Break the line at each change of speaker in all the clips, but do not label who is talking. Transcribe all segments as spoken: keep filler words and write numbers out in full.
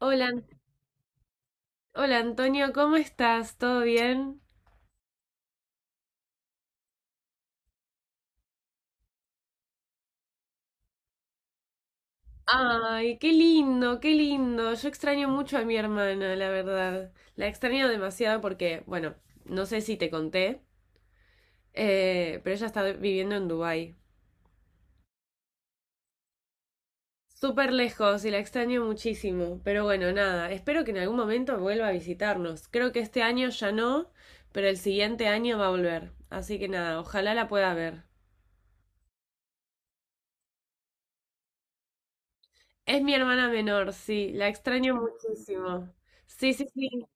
Hola, An- hola Antonio, ¿cómo estás? ¿Todo bien? Ay, qué lindo, qué lindo. Yo extraño mucho a mi hermana, la verdad. La extraño demasiado porque, bueno, no sé si te conté, eh, pero ella está viviendo en Dubái. Súper lejos y la extraño muchísimo. Pero bueno, nada, espero que en algún momento vuelva a visitarnos. Creo que este año ya no, pero el siguiente año va a volver. Así que nada, ojalá la pueda ver. Es mi hermana menor, sí, la extraño muchísimo. Sí, sí, sí.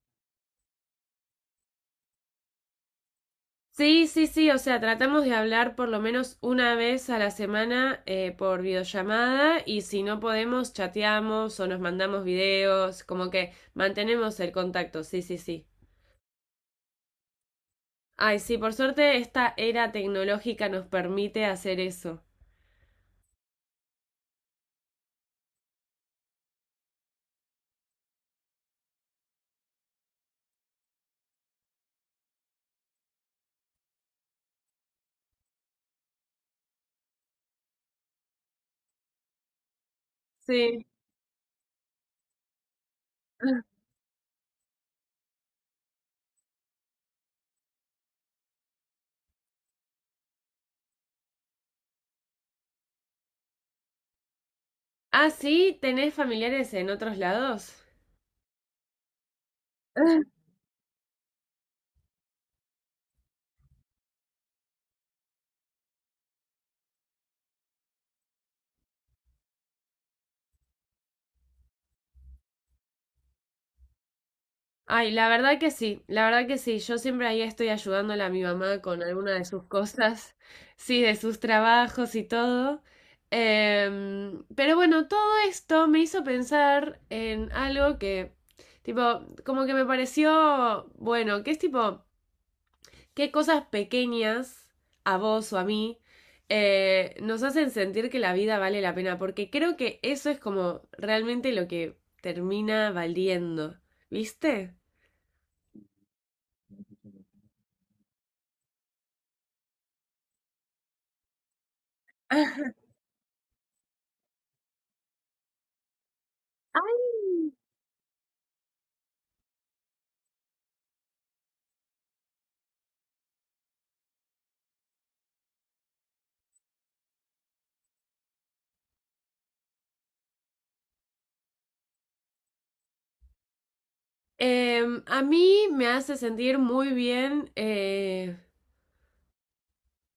Sí, sí, sí, o sea, tratamos de hablar por lo menos una vez a la semana eh, por videollamada y si no podemos, chateamos o nos mandamos videos, como que mantenemos el contacto, sí, sí, sí. Ay, sí, por suerte esta era tecnológica nos permite hacer eso. Sí. Ah, sí, ¿tenés familiares en otros lados? Ay, la verdad que sí, la verdad que sí. Yo siempre ahí estoy ayudándole a mi mamá con alguna de sus cosas, sí, de sus trabajos y todo. Em, pero bueno, todo esto me hizo pensar en algo que, tipo, como que me pareció, bueno, que es tipo, qué cosas pequeñas a vos o a mí eh, nos hacen sentir que la vida vale la pena, porque creo que eso es como realmente lo que termina valiendo, ¿viste? Ay. Em, a mí me hace sentir muy bien eh,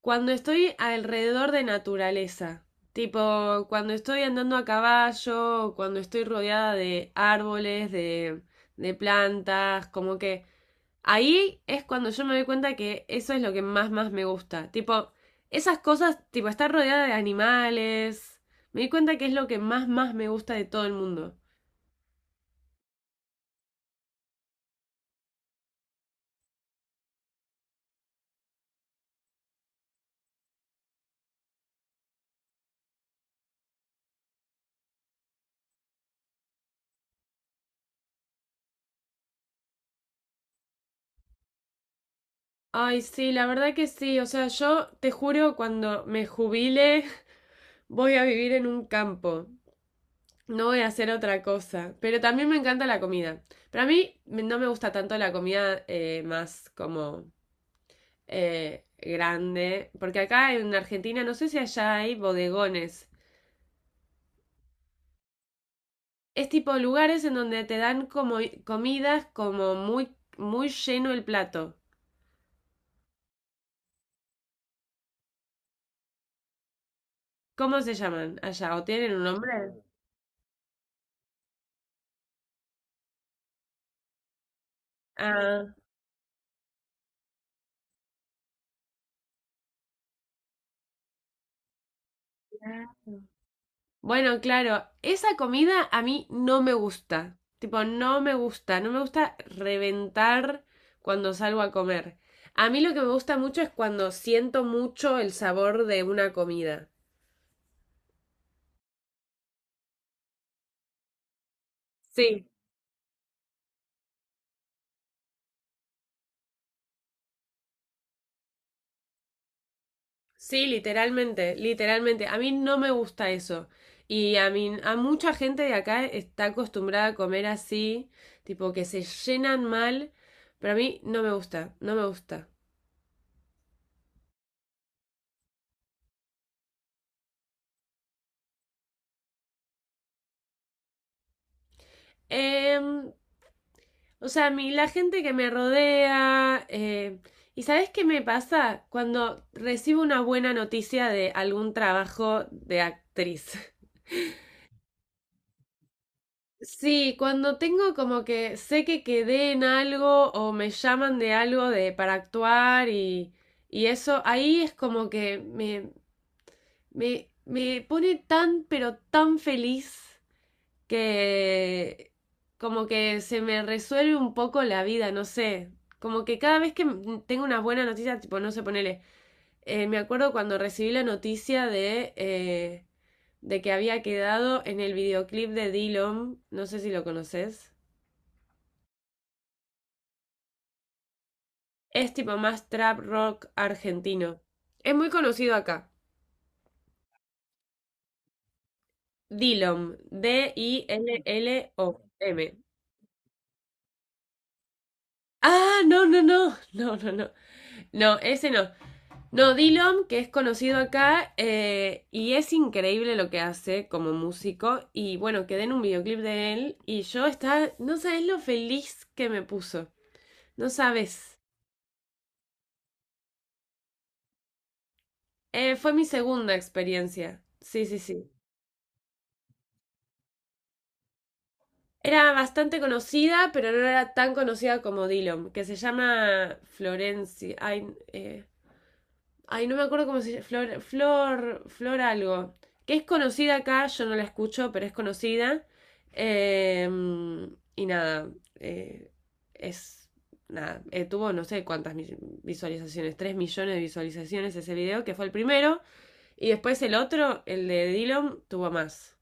cuando estoy alrededor de naturaleza, tipo cuando estoy andando a caballo, o cuando estoy rodeada de árboles, de, de plantas, como que ahí es cuando yo me doy cuenta que eso es lo que más, más me gusta, tipo esas cosas, tipo estar rodeada de animales, me di cuenta que es lo que más, más me gusta de todo el mundo. Ay, sí, la verdad que sí. O sea, yo te juro, cuando me jubile, voy a vivir en un campo. No voy a hacer otra cosa. Pero también me encanta la comida. Pero a mí me- no me gusta tanto la comida eh, más como eh, grande. Porque acá en Argentina, no sé si allá hay bodegones. Es tipo lugares en donde te dan como comidas como muy, muy lleno el plato. ¿Cómo se llaman allá? ¿O tienen un nombre? Ah. Bueno, claro, esa comida a mí no me gusta. Tipo, no me gusta, no me gusta reventar cuando salgo a comer. A mí lo que me gusta mucho es cuando siento mucho el sabor de una comida. Sí, sí, literalmente, literalmente. A mí no me gusta eso. Y a mí, a mucha gente de acá está acostumbrada a comer así, tipo que se llenan mal, pero a mí no me gusta, no me gusta. Em, O sea, a mí la gente que me rodea. eh, ¿Y sabes qué me pasa? Cuando recibo una buena noticia de algún trabajo de actriz. Sí, cuando tengo como que sé que quedé en algo o me llaman de algo de para actuar y, y eso, ahí es como que me, me, me pone tan, pero tan feliz. Que como que se me resuelve un poco la vida, no sé. Como que cada vez que m- tengo una buena noticia, tipo, no sé, ponele. Eh, me acuerdo cuando recibí la noticia de, eh, de que había quedado en el videoclip de Dillom, no sé si lo conoces. Es tipo más trap rock argentino. Es muy conocido acá. Dillom, D-I-L-L-O-M. Ah, no, no, no, no, no, no. No, ese no. No, Dillom, que es conocido acá, eh, y es increíble lo que hace como músico. Y bueno, quedé en un videoclip de él y yo estaba, no sabes lo feliz que me puso, no sabes. Eh, fue mi segunda experiencia. Sí, sí, sí. Era bastante conocida, pero no era tan conocida como Dillom, que se llama Florencia. Ay, eh, ay, no me acuerdo cómo se llama. Flor, Flor, Flor algo. Que es conocida acá, yo no la escucho, pero es conocida. Eh, y nada, eh, es. Nada, eh, tuvo no sé cuántas visualizaciones, tres millones de visualizaciones ese video, que fue el primero. Y después el otro, el de Dylan, tuvo más.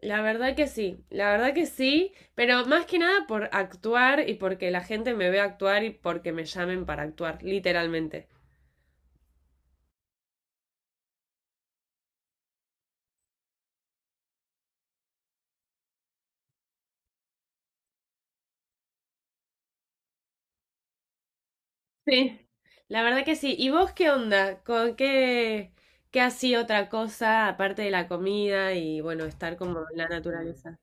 La verdad que sí, la verdad que sí, pero más que nada por actuar y porque la gente me vea actuar y porque me llamen para actuar, literalmente. Sí, la verdad que sí. ¿Y vos qué onda? ¿Con qué, qué así otra cosa aparte de la comida y bueno, estar como en la naturaleza?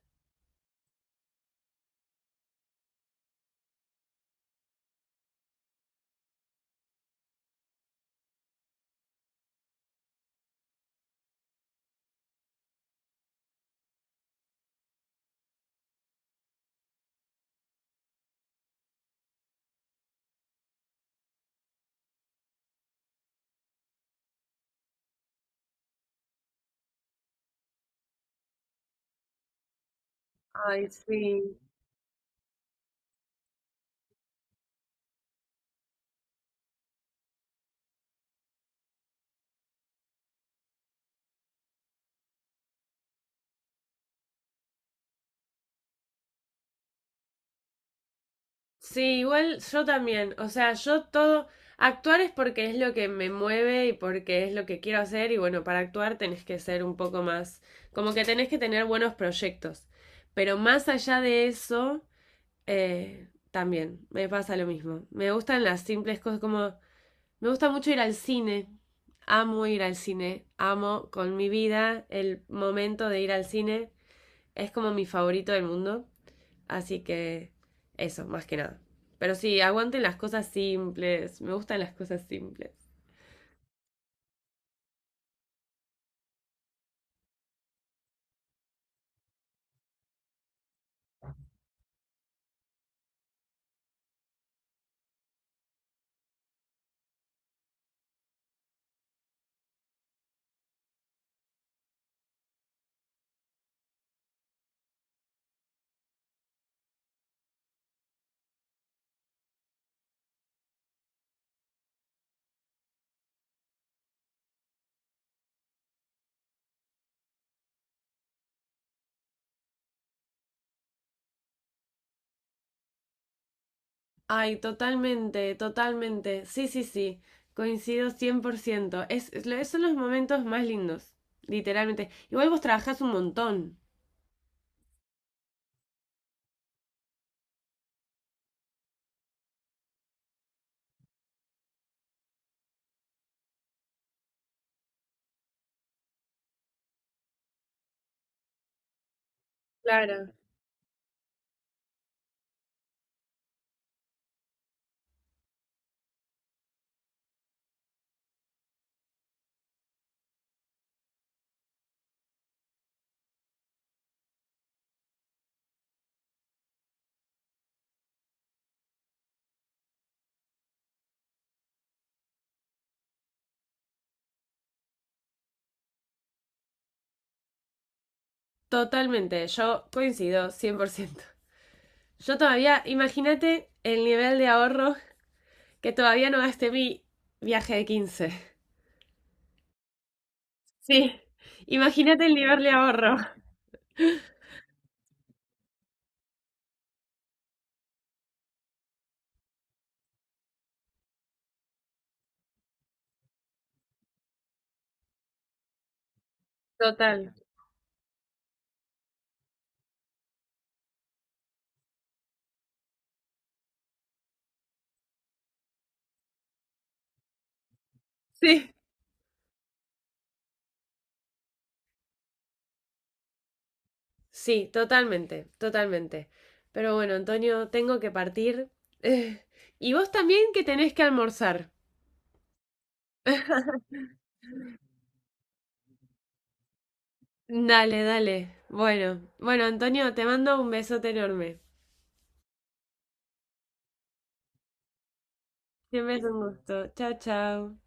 Ay, sí. Sí, igual yo también. O sea, yo todo, actuar es porque es lo que me mueve y porque es lo que quiero hacer y bueno, para actuar tenés que ser un poco más, como que tenés que tener buenos proyectos. Pero más allá de eso, eh, también me pasa lo mismo. Me gustan las simples cosas como... Me gusta mucho ir al cine. Amo ir al cine. Amo con mi vida el momento de ir al cine. Es como mi favorito del mundo. Así que eso, más que nada. Pero sí, aguanten las cosas simples. Me gustan las cosas simples. Ay, totalmente, totalmente. Sí, sí, sí. Coincido cien por ciento. Es, es- son los momentos más lindos, literalmente. Igual vos trabajás un montón. Claro. Totalmente, yo coincido cien por ciento. Yo todavía, imagínate el nivel de ahorro que todavía no gasté mi viaje de quince. Sí, imagínate el nivel de ahorro. Total. Sí, sí, totalmente, totalmente. Pero bueno, Antonio, tengo que partir. Eh, y vos también que tenés que almorzar. Dale, dale. Bueno, bueno, Antonio, te mando un besote enorme. Siempre es un gusto. Chao, chao.